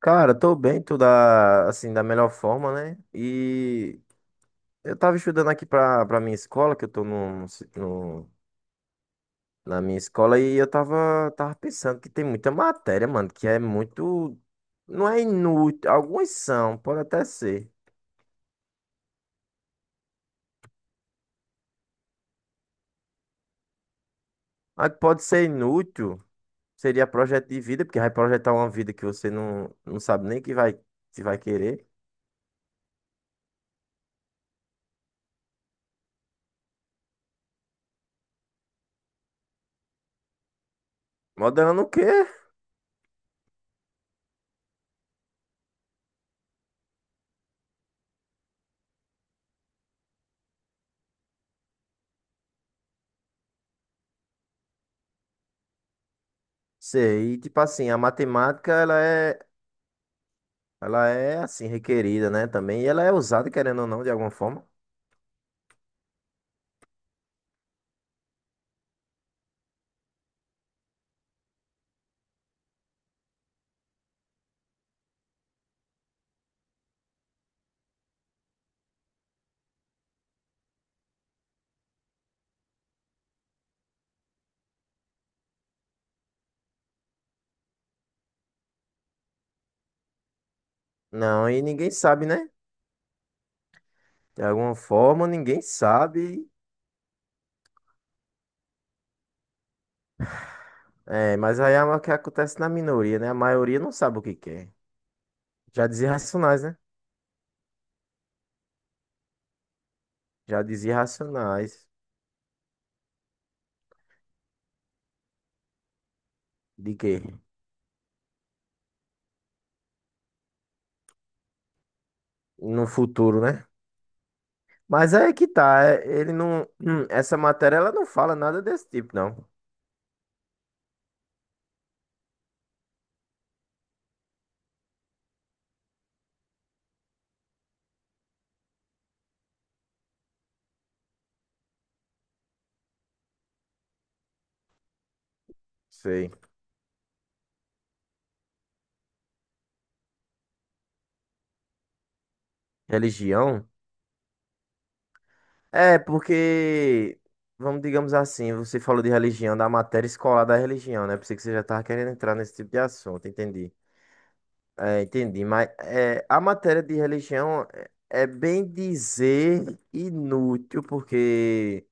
Cara, tô bem, da melhor forma, né? E eu tava estudando aqui pra minha escola, que eu tô na minha escola, e eu tava, tava pensando que tem muita matéria, mano, que é muito. Não é inútil, algumas são, pode até ser. Mas que pode ser inútil, seria projeto de vida, porque vai projetar uma vida que você não sabe nem que vai querer. Modelando o quê? Sei, e tipo assim, a matemática, ela é. Ela é assim requerida, né? Também. E ela é usada, querendo ou não, de alguma forma. Não, e ninguém sabe, né? De alguma forma, ninguém sabe. É, mas aí é o que acontece na minoria, né? A maioria não sabe o que quer. Já dizia Racionais, né? Já dizia Racionais. De quê? No futuro, né? Mas aí é que tá. é- Ele não. Essa matéria, ela não fala nada desse tipo, não. Sei. Religião. É, porque, vamos, digamos assim, você falou de religião, da matéria escolar da religião, né? Pensei que você já tava querendo entrar nesse tipo de assunto, entendi. É, entendi, mas é, a matéria de religião é bem dizer inútil, porque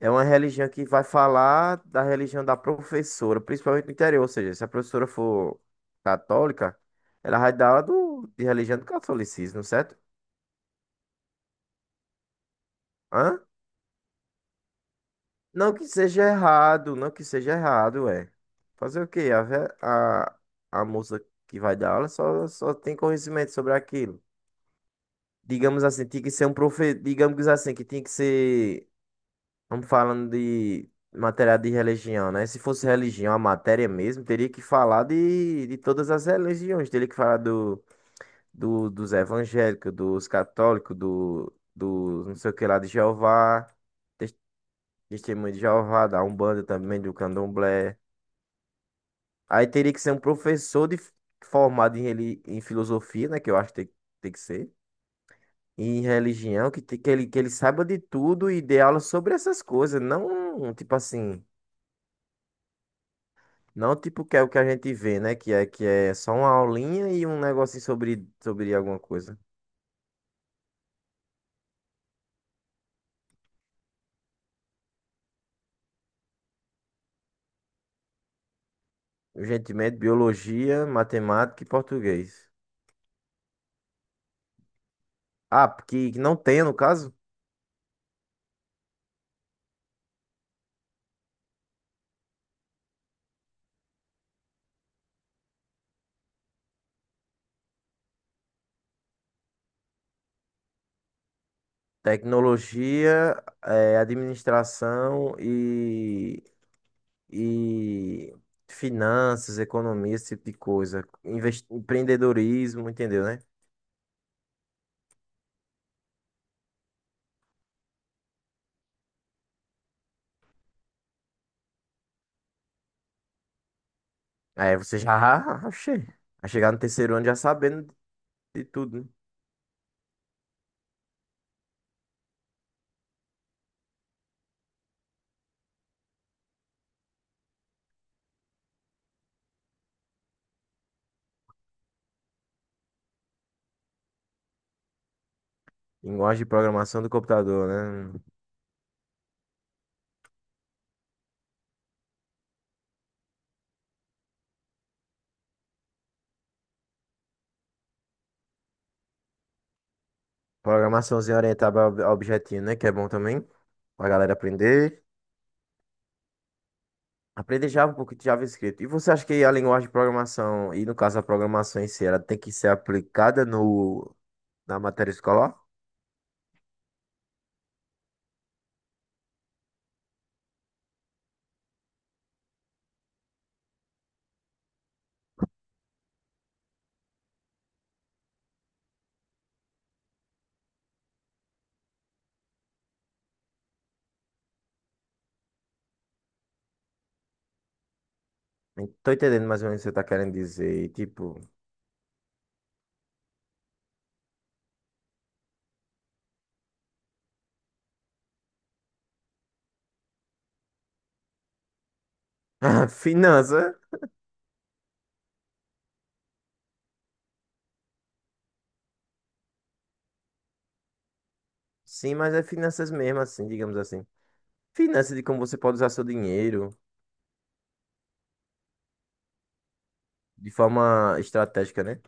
é uma religião que vai falar da religião da professora, principalmente no interior, ou seja, se a professora for católica, ela vai dar aula de religião do catolicismo, certo? Hã? Não que seja errado, é. Fazer o quê? A moça que vai dar aula só tem conhecimento sobre aquilo. Digamos assim, tinha que ser um profe, digamos assim, que tinha que ser, vamos falando de matéria de religião, né? Se fosse religião, a matéria mesmo, teria que falar de todas as religiões, teria que falar dos evangélicos, dos católicos, do, do não sei o que lá de Jeová, Tes- Testemunho de Jeová, da Umbanda também, do Candomblé. Aí teria que ser formado em, em filosofia, né? Que eu acho que tem, tem que ser. E em religião, que ele saiba de tudo e dê aula sobre essas coisas. Não, tipo assim, não tipo que é o que a gente vê, né? Que é só uma aulinha e um negocinho sobre alguma coisa. Urgentemente, biologia, matemática e português. Ah, porque que não tem, no caso? Tecnologia, administração e finanças, economia, esse tipo de coisa. Invest... Empreendedorismo, entendeu, né? Aí você já, oxê, vai chegar no 3º ano já sabendo de tudo, né? Linguagem de programação do computador, né? Programaçãozinha orientada ao objetinho, né? Que é bom também pra galera aprender. Aprender Java, um pouco de JavaScript. E você acha que a linguagem de programação, e no caso a programação em si, ela tem que ser aplicada no, na matéria escolar? Não tô entendendo mais ou menos o que você tá querendo dizer. Tipo, Finança? Sim, mas é finanças mesmo, assim, digamos assim. Finanças de como você pode usar seu dinheiro de forma estratégica, né?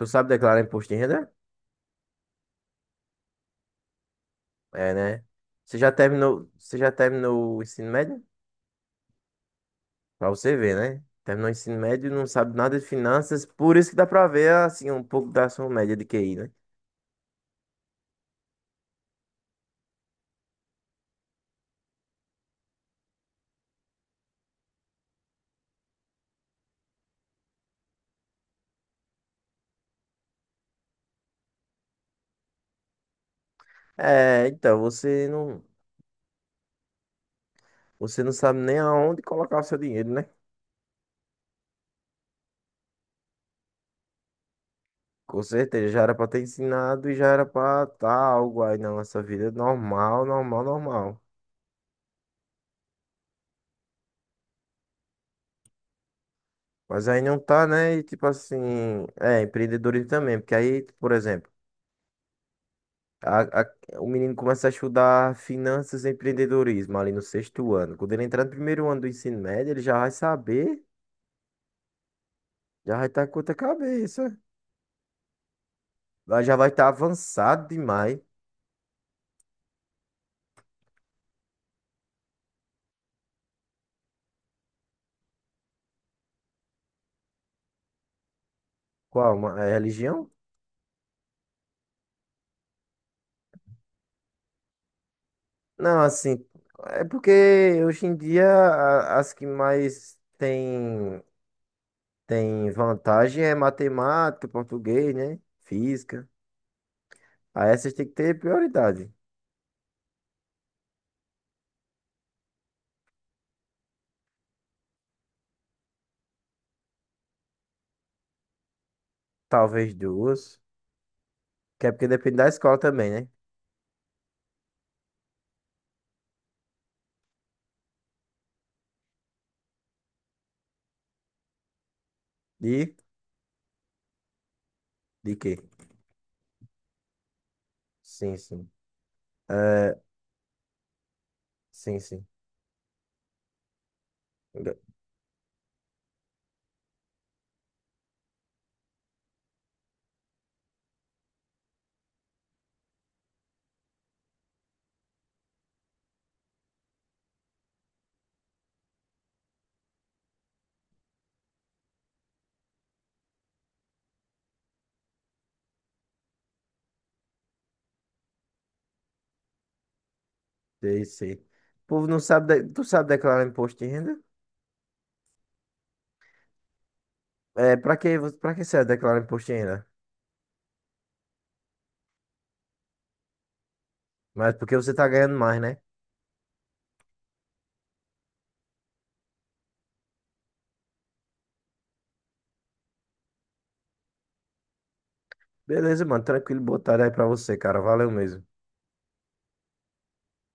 Tu sabe declarar imposto de renda? É, né? Você já terminou o ensino médio? Pra você ver, né? Terminou o ensino médio e não sabe nada de finanças, por isso que dá pra ver, assim, um pouco da sua média de QI, né? É, então, você não sabe nem aonde colocar o seu dinheiro, né? Com certeza, já era pra ter ensinado e já era pra tá algo aí na nossa vida normal, normal, normal. Mas aí não tá, né? E tipo assim, é, empreendedorismo também, porque aí, por exemplo, a- a- o menino começa a estudar finanças e empreendedorismo ali no 6º ano. Quando ele entrar no 1º ano do ensino médio, ele já vai saber, já vai estar com outra cabeça, lá já vai estar avançado demais. Qual? Uma, é religião? Não, assim, é porque hoje em dia as que mais tem. Tem vantagem é matemática, português, né? Física. Aí essas tem que ter prioridade. Talvez duas. Que é porque depende da escola também, né? De, de quê? Sim, sim. É, sim, sim. Sei, sei. O povo não sabe. Tu sabe declarar imposto de renda? É, pra que serve declarar imposto de renda? Mas porque você tá ganhando mais, né? Beleza, mano. Tranquilo, boa tarde aí pra você, cara. Valeu mesmo.